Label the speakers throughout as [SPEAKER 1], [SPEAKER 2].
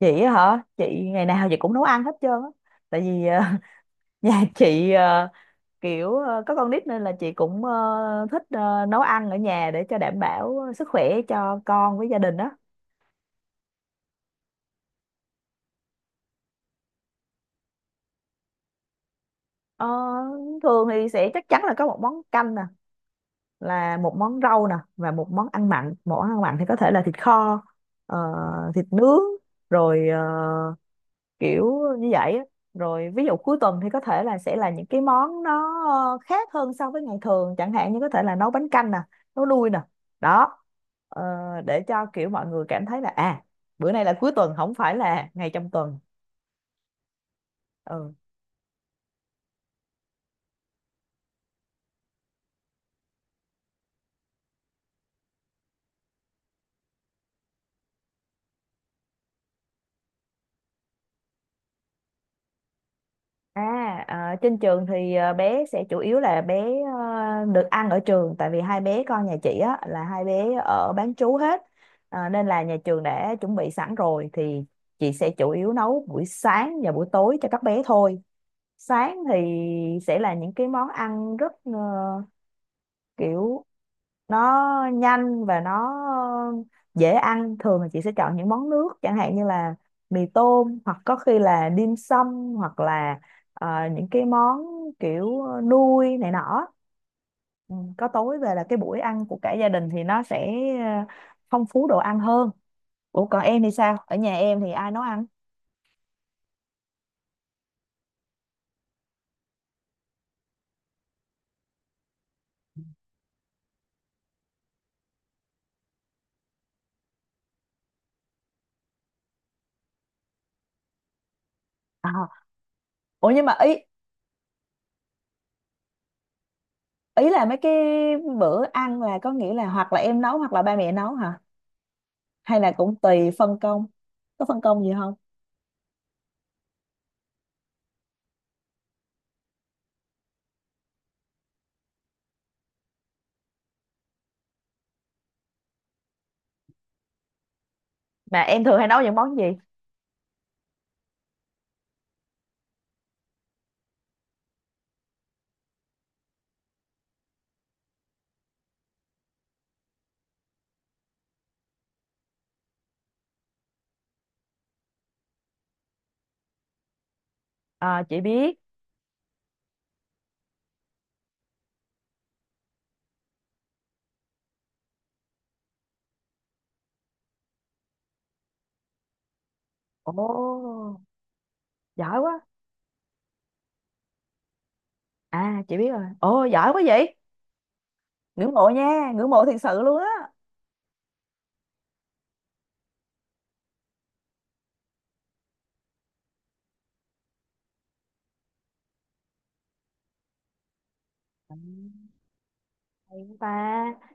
[SPEAKER 1] Chị á hả? Chị ngày nào chị cũng nấu ăn hết trơn á, tại vì nhà chị kiểu có con nít nên là chị cũng thích nấu ăn ở nhà để cho đảm bảo sức khỏe cho con với gia đình á. Ờ, Thường thì sẽ chắc chắn là có một món canh nè, là một món rau nè, và một món ăn mặn. Một món ăn mặn thì có thể là thịt kho, ờ, thịt nướng, rồi kiểu như vậy á. Rồi ví dụ cuối tuần thì có thể là sẽ là những cái món nó khác hơn so với ngày thường, chẳng hạn như có thể là nấu bánh canh nè, nấu nui nè đó. Ờ, để cho kiểu mọi người cảm thấy là à, bữa nay là cuối tuần không phải là ngày trong tuần. Ừ. À, trên trường thì bé sẽ chủ yếu là bé được ăn ở trường, tại vì hai bé con nhà chị á là hai bé ở bán trú hết. Nên là nhà trường đã chuẩn bị sẵn rồi thì chị sẽ chủ yếu nấu buổi sáng và buổi tối cho các bé thôi. Sáng thì sẽ là những cái món ăn rất kiểu nó nhanh và nó dễ ăn. Thường là chị sẽ chọn những món nước chẳng hạn như là mì tôm, hoặc có khi là dim sum, hoặc là những cái món kiểu nuôi này nọ. Ừ, có tối về là cái buổi ăn của cả gia đình thì nó sẽ ờ, phong phú đồ ăn hơn. Ủa còn em thì sao, ở nhà em thì ai nấu ăn? À, ủa nhưng mà ý, ý là mấy cái bữa ăn là có nghĩa là hoặc là em nấu hoặc là ba mẹ nấu hả? Hay là cũng tùy phân công, có phân công gì không? Mà em thường hay nấu những món gì? Ờ, chị biết. Ồ giỏi quá. À chị biết rồi, ồ giỏi quá vậy. Ngưỡng mộ nha, ngưỡng mộ thiệt sự luôn á. Ừ, hay quá ta.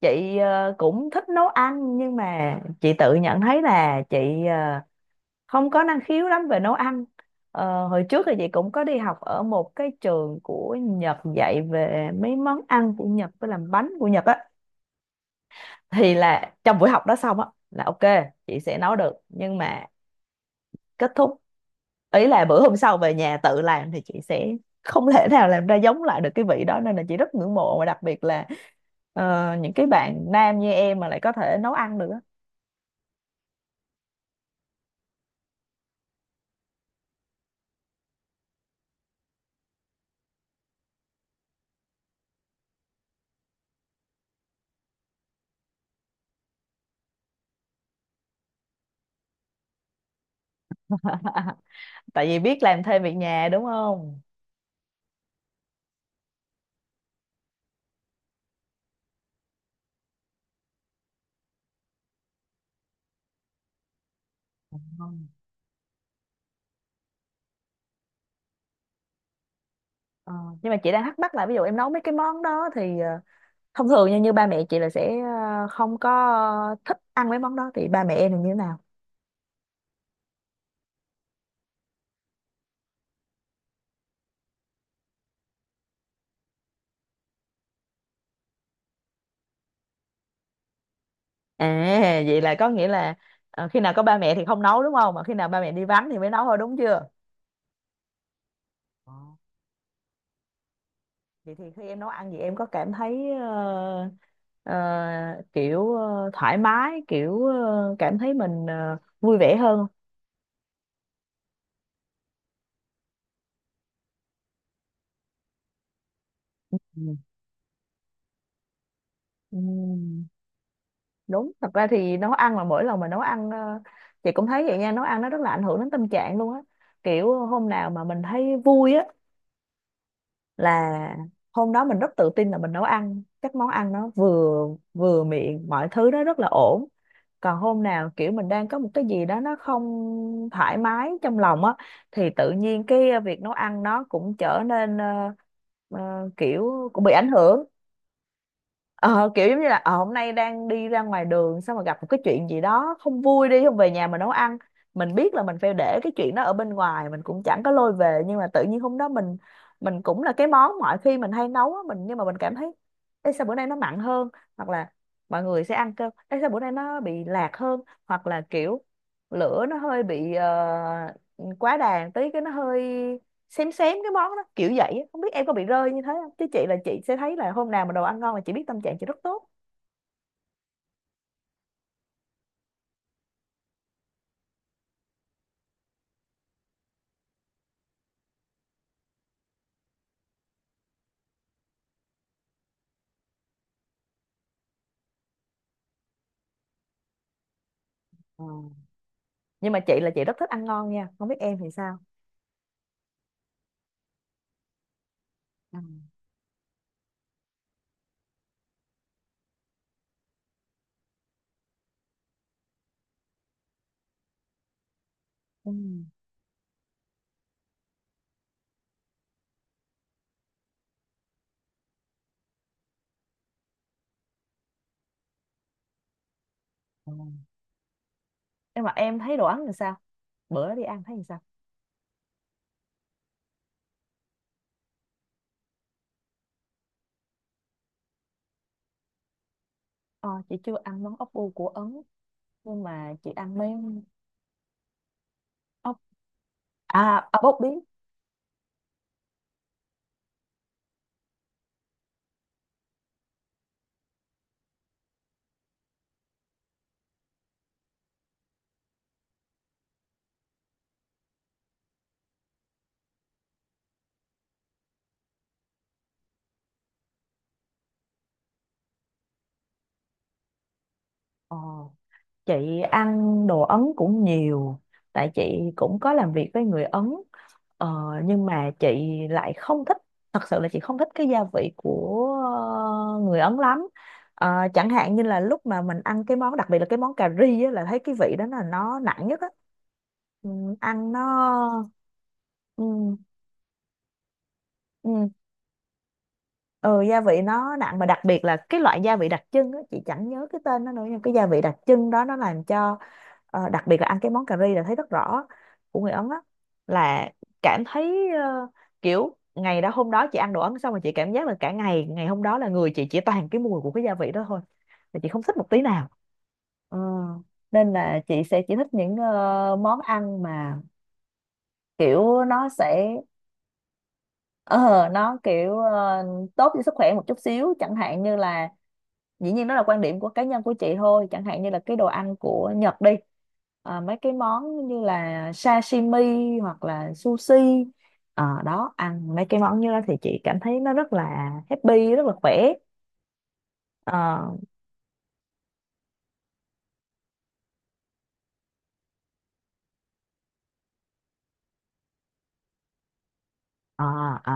[SPEAKER 1] Chị cũng thích nấu ăn, nhưng mà chị tự nhận thấy là chị ờ, không có năng khiếu lắm về nấu ăn. Ờ, hồi trước thì chị cũng có đi học ở một cái trường của Nhật dạy về mấy món ăn của Nhật với làm bánh của Nhật á. Thì là trong buổi học đó xong á là ok, chị sẽ nấu được, nhưng mà kết thúc, ý là bữa hôm sau về nhà tự làm thì chị sẽ không thể nào làm ra giống lại được cái vị đó. Nên là chị rất ngưỡng mộ, và đặc biệt là những cái bạn nam như em mà lại có thể nấu ăn được á. Tại vì biết làm thêm việc nhà đúng không? Vâng. Ờ, nhưng mà chị đang thắc mắc là ví dụ em nấu mấy cái món đó thì thông thường như như ba mẹ chị là sẽ không có thích ăn mấy món đó, thì ba mẹ em là như thế nào? À, vậy là có nghĩa là khi nào có ba mẹ thì không nấu đúng không, mà khi nào ba mẹ đi vắng thì mới nấu thôi đúng chưa? Vậy thì khi em nấu ăn gì em có cảm thấy ờ, kiểu thoải mái, kiểu cảm thấy mình vui vẻ hơn không? Ừ. Ừm, đúng thật ra thì nấu ăn là mỗi lần mà nấu ăn chị cũng thấy vậy nha. Nấu ăn nó rất là ảnh hưởng đến tâm trạng luôn á. Kiểu hôm nào mà mình thấy vui á là hôm đó mình rất tự tin là mình nấu ăn các món ăn nó vừa, vừa miệng, mọi thứ nó rất là ổn. Còn hôm nào kiểu mình đang có một cái gì đó nó không thoải mái trong lòng á, thì tự nhiên cái việc nấu ăn nó cũng trở nên kiểu cũng bị ảnh hưởng. Ờ, kiểu giống như là hôm nay đang đi ra ngoài đường xong mà gặp một cái chuyện gì đó không vui, đi không về nhà mà nấu ăn. Mình biết là mình phải để cái chuyện đó ở bên ngoài, mình cũng chẳng có lôi về, nhưng mà tự nhiên hôm đó mình cũng là cái món mọi khi mình hay nấu á, nhưng mà mình cảm thấy: Ê, sao bữa nay nó mặn hơn? Hoặc là mọi người sẽ ăn cơm: Ê, sao bữa nay nó bị lạc hơn? Hoặc là kiểu lửa nó hơi bị quá đàn tí cái nó hơi xém xém cái món đó kiểu vậy á. Không biết em có bị rơi như thế không, chứ chị là chị sẽ thấy là hôm nào mà đồ ăn ngon là chị biết tâm trạng chị rất tốt. Ờ, nhưng mà chị là chị rất thích ăn ngon nha, không biết em thì sao. Ờ, ừ, ờ. Nhưng mà em thấy đồ Ấn thì sao, bữa đi ăn thấy thì sao? Ờ, chị chưa ăn món ốc bu của Ấn, nhưng mà chị ăn mấy ốc, à, à ốc bốc biến. Ờ chị ăn đồ Ấn cũng nhiều, tại chị cũng có làm việc với người Ấn, ờ, nhưng mà chị lại không thích. Thật sự là chị không thích cái gia vị của người Ấn lắm. Ờ, chẳng hạn như là lúc mà mình ăn cái món đặc biệt là cái món cà ri á, là thấy cái vị đó là nó nặng nhất á. Ừ, ăn nó. Ừ, ừ. Ừ gia vị nó nặng, mà đặc biệt là cái loại gia vị đặc trưng á chị chẳng nhớ cái tên nó nữa, nhưng cái gia vị đặc trưng đó nó làm cho đặc biệt là ăn cái món cà ri là thấy rất rõ của người Ấn á. Là cảm thấy kiểu ngày đó hôm đó chị ăn đồ Ấn xong rồi chị cảm giác là cả ngày, ngày hôm đó là người chị chỉ toàn cái mùi của cái gia vị đó thôi, là chị không thích một tí nào. Ờ, nên là chị sẽ chỉ thích những món ăn mà kiểu nó sẽ ờ nó kiểu ờ, tốt cho sức khỏe một chút xíu, chẳng hạn như là, dĩ nhiên đó là quan điểm của cá nhân của chị thôi, chẳng hạn như là cái đồ ăn của Nhật đi, à, mấy cái món như là sashimi hoặc là sushi. Ờ, đó ăn mấy cái món như đó thì chị cảm thấy nó rất là happy, rất là khỏe. Ờ, ờ, ờ,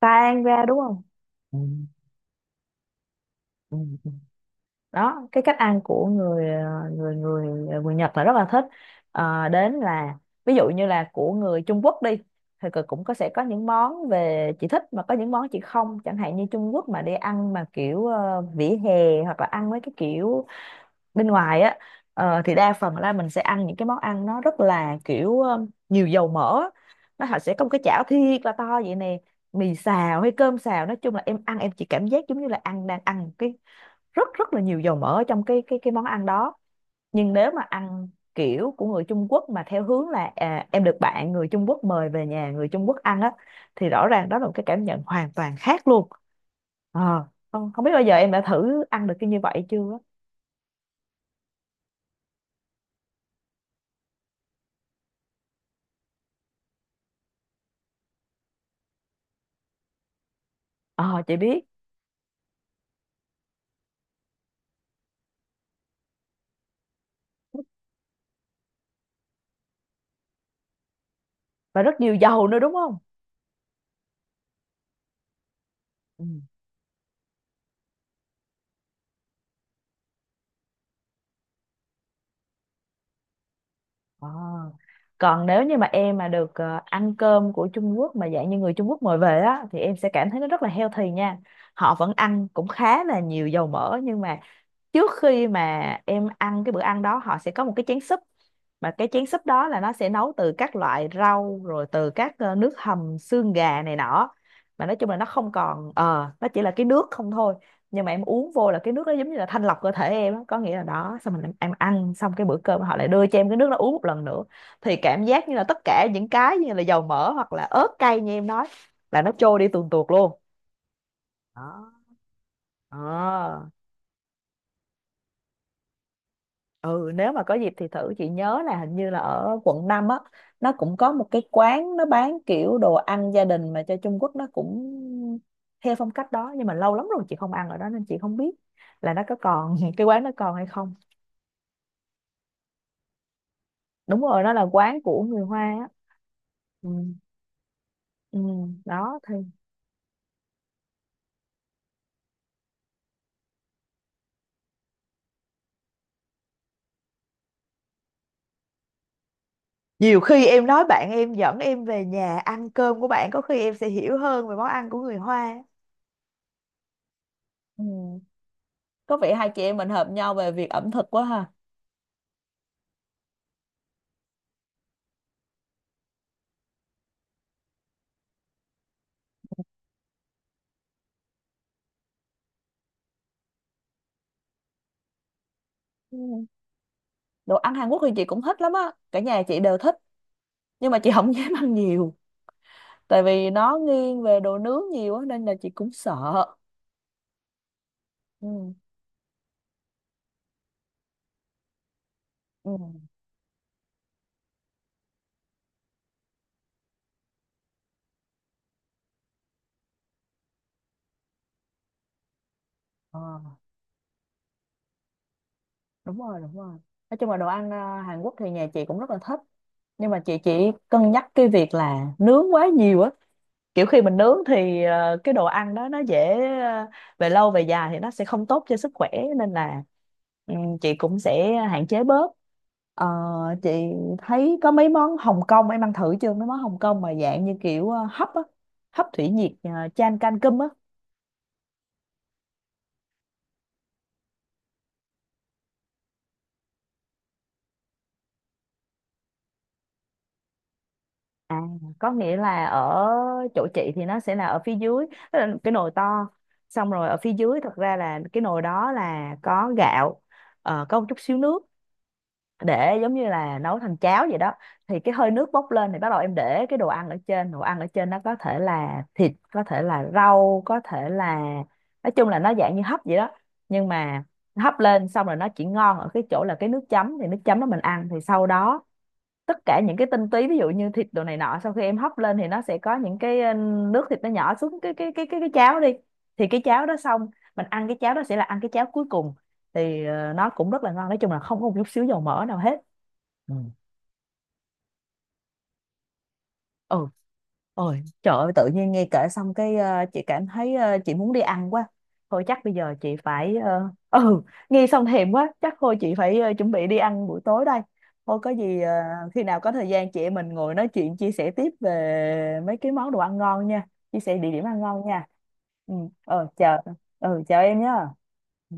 [SPEAKER 1] tan ra đúng không? Ừ, ừ. Đó cái cách ăn của người người người người Nhật là rất là thích. Ờ, đến là ví dụ như là của người Trung Quốc đi, thì cực cũng có, sẽ có những món về chị thích mà có những món chị không. Chẳng hạn như Trung Quốc mà đi ăn mà kiểu vỉa hè, hoặc là ăn mấy cái kiểu bên ngoài á, thì đa phần là mình sẽ ăn những cái món ăn nó rất là kiểu nhiều dầu mỡ á. Nó họ sẽ có một cái chảo thiệt là to vậy nè, mì xào hay cơm xào, nói chung là em ăn em chỉ cảm giác giống như là ăn đang ăn rất rất là nhiều dầu mỡ ở trong cái món ăn đó. Nhưng nếu mà ăn kiểu của người Trung Quốc mà theo hướng là à, em được bạn người Trung Quốc mời về nhà người Trung Quốc ăn á, thì rõ ràng đó là một cái cảm nhận hoàn toàn khác luôn. Ờ, không không biết bao giờ em đã thử ăn được cái như vậy chưa á. Ờ chị biết. Và rất nhiều dầu nữa đúng không? Ừ. Ờ. Còn nếu như mà em mà được ăn cơm của Trung Quốc mà dạng như người Trung Quốc mời về á, thì em sẽ cảm thấy nó rất là healthy nha. Họ vẫn ăn cũng khá là nhiều dầu mỡ, nhưng mà trước khi mà em ăn cái bữa ăn đó, họ sẽ có một cái chén súp, mà cái chén súp đó là nó sẽ nấu từ các loại rau rồi từ các nước hầm xương gà này nọ. Mà nói chung là nó không còn nó chỉ là cái nước không thôi, nhưng mà em uống vô là cái nước đó giống như là thanh lọc cơ thể em á. Có nghĩa là đó. Xong mình em ăn xong cái bữa cơm, họ lại đưa cho em cái nước đó uống một lần nữa, thì cảm giác như là tất cả những cái như là dầu mỡ hoặc là ớt cay như em nói là nó trôi đi tuồn tuột luôn. Đó. Ờ. Ừ, nếu mà có dịp thì thử. Chị nhớ là hình như là ở quận 5 á, nó cũng có một cái quán nó bán kiểu đồ ăn gia đình mà cho Trung Quốc, nó cũng theo phong cách đó, nhưng mà lâu lắm rồi chị không ăn ở đó nên chị không biết là nó có còn cái quán nó còn hay không. Đúng rồi, nó là quán của người Hoa á. Ừ, ừ, đó thì nhiều khi em nói bạn em dẫn em về nhà ăn cơm của bạn, có khi em sẽ hiểu hơn về món ăn của người Hoa. Ừ. Có vẻ hai chị em mình hợp nhau về việc ẩm thực quá ha. Ừ. Đồ ăn Hàn Quốc thì chị cũng thích lắm á, cả nhà chị đều thích, nhưng mà chị không dám ăn nhiều, tại vì nó nghiêng về đồ nướng nhiều á nên là chị cũng sợ. Ừ. Ừ. Ờ, đúng rồi, đúng rồi, nói chung là đồ ăn Hàn Quốc thì nhà chị cũng rất là thích, nhưng mà chị chỉ cân nhắc cái việc là nướng quá nhiều á. Kiểu khi mình nướng thì cái đồ ăn đó nó dễ, ờ, về lâu về dài thì nó sẽ không tốt cho sức khỏe, nên là, ừ, chị cũng sẽ hạn chế bớt. Ờ, chị thấy có mấy món Hồng Kông em ăn thử chưa? Mấy món Hồng Kông mà dạng như kiểu hấp á, hấp thủy nhiệt, chan canh cơm á. À, có nghĩa là ở chỗ chị thì nó sẽ là ở phía dưới, tức là cái nồi to, xong rồi ở phía dưới thật ra là cái nồi đó là có gạo, có một chút xíu nước, để giống như là nấu thành cháo vậy đó. Thì cái hơi nước bốc lên thì bắt đầu em để cái đồ ăn ở trên, đồ ăn ở trên nó có thể là thịt, có thể là rau, có thể là, nói chung là nó dạng như hấp vậy đó. Nhưng mà hấp lên xong rồi, nó chỉ ngon ở cái chỗ là cái nước chấm, thì nước chấm đó mình ăn, thì sau đó tất cả những cái tinh túy ví dụ như thịt đồ này nọ, sau khi em hấp lên thì nó sẽ có những cái nước thịt nó nhỏ xuống cái cháo đi, thì cái cháo đó xong mình ăn cái cháo đó sẽ là ăn cái cháo cuối cùng, thì nó cũng rất là ngon, nói chung là không có một chút xíu dầu mỡ nào hết. Ừ. Ừ, ôi trời ơi, tự nhiên nghe kể xong cái chị cảm thấy, chị muốn đi ăn quá. Thôi chắc bây giờ chị phải, ừ, nghe xong thèm quá, chắc thôi chị phải chuẩn bị đi ăn buổi tối đây. Thôi có gì, khi nào có thời gian chị em mình ngồi nói chuyện chia sẻ tiếp về mấy cái món đồ ăn ngon nha, chia sẻ địa điểm ăn ngon nha. Ừ. Ờ, chờ. Ừ, chờ em nhé. Ừ.